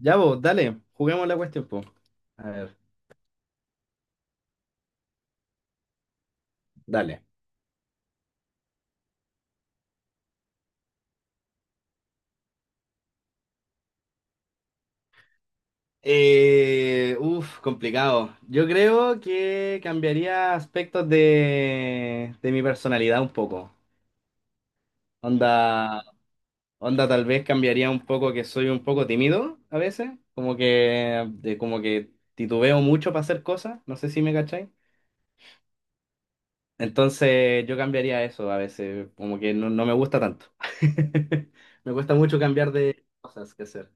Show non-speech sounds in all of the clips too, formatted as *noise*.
Ya vos, dale, juguemos la cuestión, po. A ver, dale. Complicado. Yo creo que cambiaría aspectos de mi personalidad un poco. Onda, onda tal vez cambiaría un poco que soy un poco tímido a veces, como que, como que titubeo mucho para hacer cosas, no sé si me cacháis. Entonces yo cambiaría eso a veces, como que no, no me gusta tanto. *laughs* Me cuesta mucho cambiar de cosas que hacer.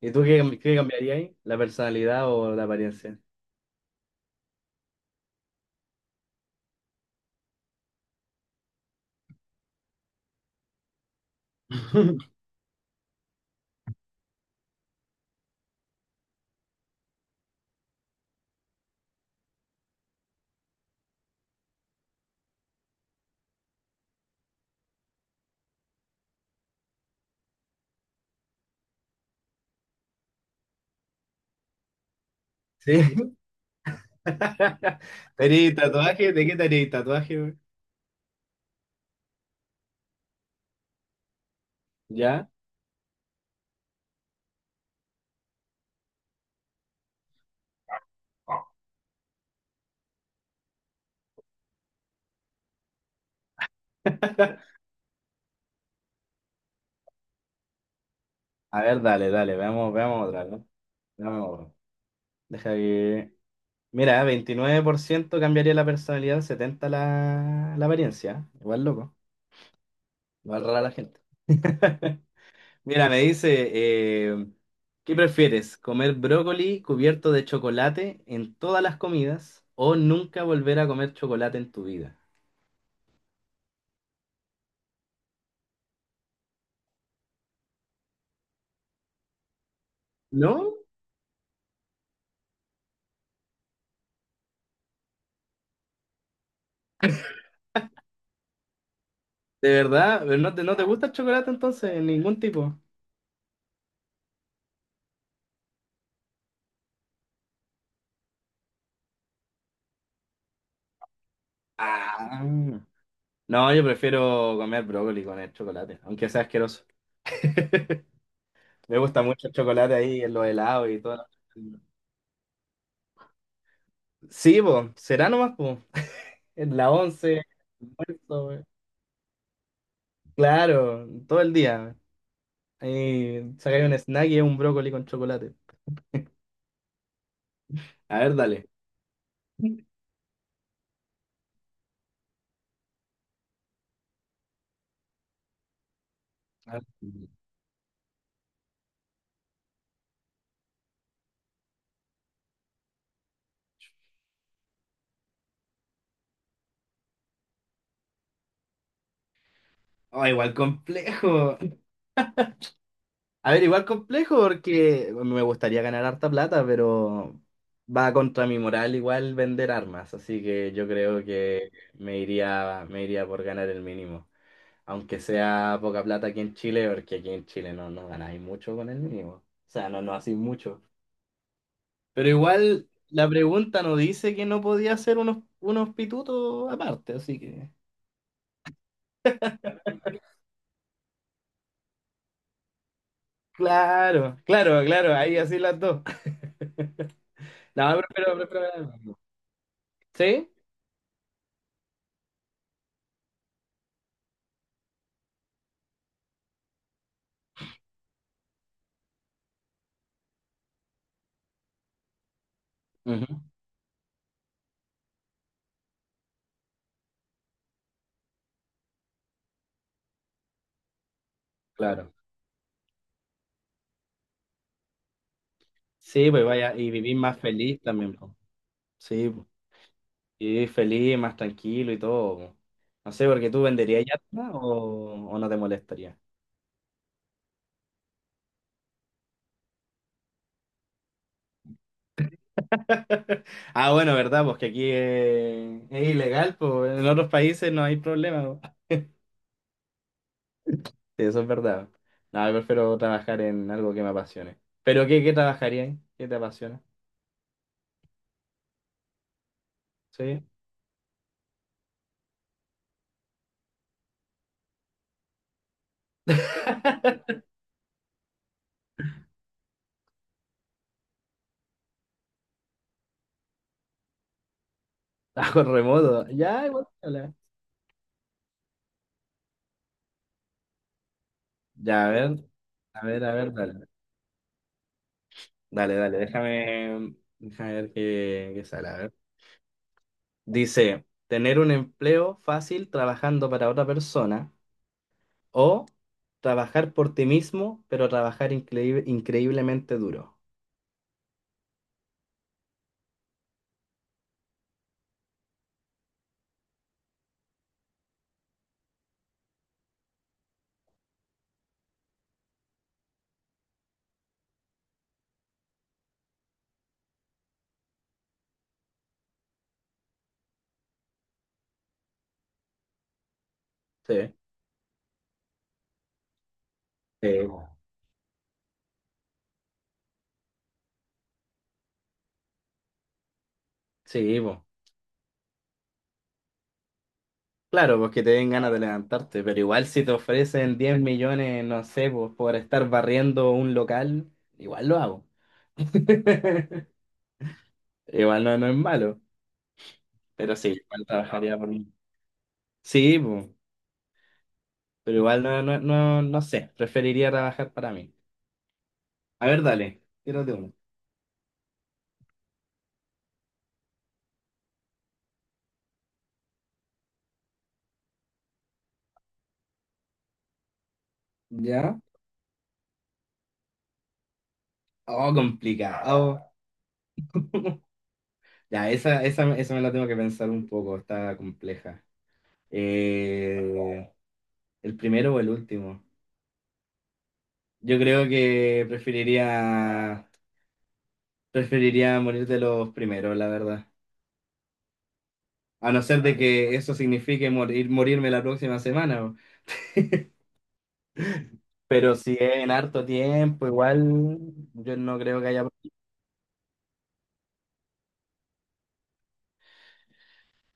¿Y tú qué, qué cambiaría ahí? ¿La personalidad o la apariencia? *laughs* Sí. *laughs* ¿Tenéis tatuaje? ¿De qué tenéis tatuaje, güey? ¿Ya? A ver, dale, dale, veamos otra, ¿no? Veamos otra. Deja que... Mira, 29% cambiaría la personalidad, 70% la apariencia. Igual loco, igual rara la gente. *laughs* Mira, me dice, ¿qué prefieres? ¿Comer brócoli cubierto de chocolate en todas las comidas o nunca volver a comer chocolate en tu vida? ¿No? ¿De verdad? ¿No te, no te gusta el chocolate entonces? ¿En ningún tipo? Ah. No, yo prefiero comer brócoli con el chocolate, aunque sea asqueroso. *laughs* Me gusta mucho el chocolate ahí en los helados y todo. Sí, po, será nomás, po. *laughs* En la once, almuerzo, we. Claro, todo el día. Ahí sacáis un snack y es un brócoli con chocolate. A ver, dale. *laughs* Ah, igual complejo. A ver, igual complejo porque me gustaría ganar harta plata, pero va contra mi moral igual vender armas, así que yo creo que me iría por ganar el mínimo, aunque sea poca plata aquí en Chile, porque aquí en Chile no, no ganáis mucho con el mínimo, o sea, no, no hacéis mucho. Pero igual la pregunta no dice que no podía hacer unos, unos pitutos aparte, así que... Claro, claro, claro, ahí así las dos. *laughs* No, prefiero, prefiero ganar. ¿Sí? Ujú, claro. Sí, pues vaya, y vivís más feliz también, po. Sí, po. Y vivís feliz, más tranquilo y todo, po. No sé, porque tú venderías yatma o no te molestaría. *laughs* Ah, bueno, ¿verdad? Pues que aquí es ilegal, pues en otros países no hay problema. Po. Sí, eso es verdad. No, yo prefiero trabajar en algo que me apasione. ¿Pero qué, qué trabajarías? ¿Qué te apasiona? Sí. *laughs* Trabajo remoto. Ya, igual. Dale. Ya, a ver. A ver, a ver, dale. Dale, dale, déjame, déjame ver qué, qué sale. A ver. Dice, tener un empleo fácil trabajando para otra persona o trabajar por ti mismo, pero trabajar increíblemente duro. Sí. Sí, bo. Sí, pues. Claro, porque te den ganas de levantarte, pero igual si te ofrecen 10 millones, no sé, pues por estar barriendo un local, igual lo hago. *laughs* Igual no, no es malo, pero sí, igual trabajaría por mí. Sí, pues, pero igual no, no, no, no sé, preferiría trabajar para mí. A ver, dale, tírate uno. ¿Ya? Oh, complicado. *laughs* Ya, esa me la tengo que pensar un poco, está compleja. Eh, ¿El primero o el último? Yo creo que preferiría morir de los primeros, la verdad. A no ser de que eso signifique morir, morirme la próxima semana. O... Pero si es en harto tiempo, igual yo no creo que haya...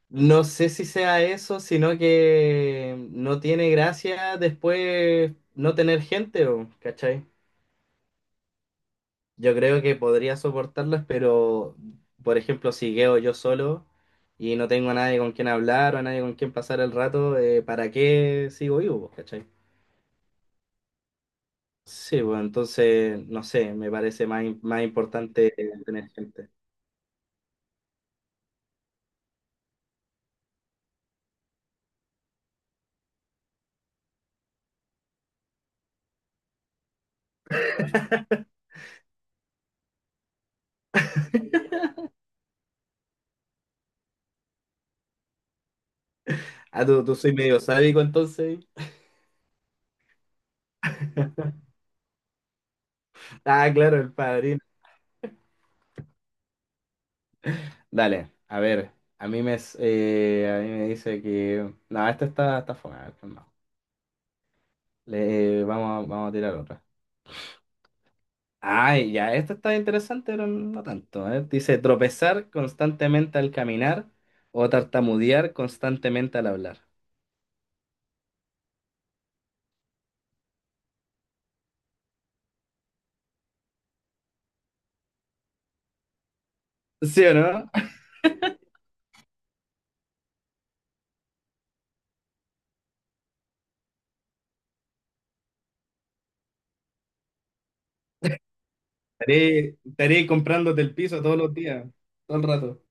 No sé si sea eso, sino que no tiene gracia después no tener gente, o, ¿cachai? Yo creo que podría soportarlas, pero por ejemplo, si quedo yo solo y no tengo a nadie con quien hablar o a nadie con quien pasar el rato, ¿para qué sigo vivo, po, cachai? Sí, pues entonces, no sé, me parece más, más importante tener gente. Ah, tú soy medio sádico entonces. Ah, claro, el padrino. Dale, a ver, a mí me, a mí me dice que... No, esta está, está fome, a ver, pues no. Le, vamos, vamos a tirar otra. Ay, ya, esto está interesante, pero no tanto. A ver, dice tropezar constantemente al caminar o tartamudear constantemente al hablar. ¿Sí o no? Estaré, estaré comprándote el piso todos los días, todo el rato.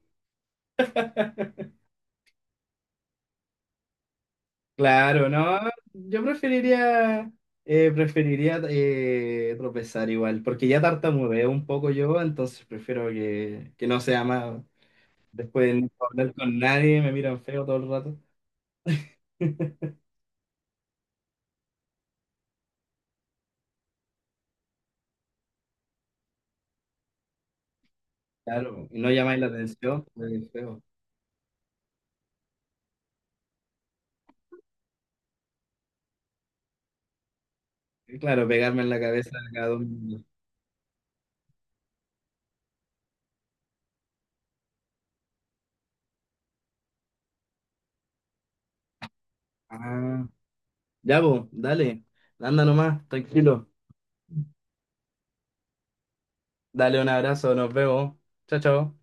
Claro, no. Yo preferiría, preferiría tropezar igual, porque ya tartamudeo un poco yo, entonces prefiero que no sea más. Después de no puedo hablar con nadie, me miran feo todo el rato. *laughs* Claro, y no llamáis la atención, pues, feo. Claro, pegarme en la cabeza cada 2 minutos. Ah, ya, vos, dale. Anda nomás, tranquilo. Dale un abrazo, nos vemos. Chao, chao.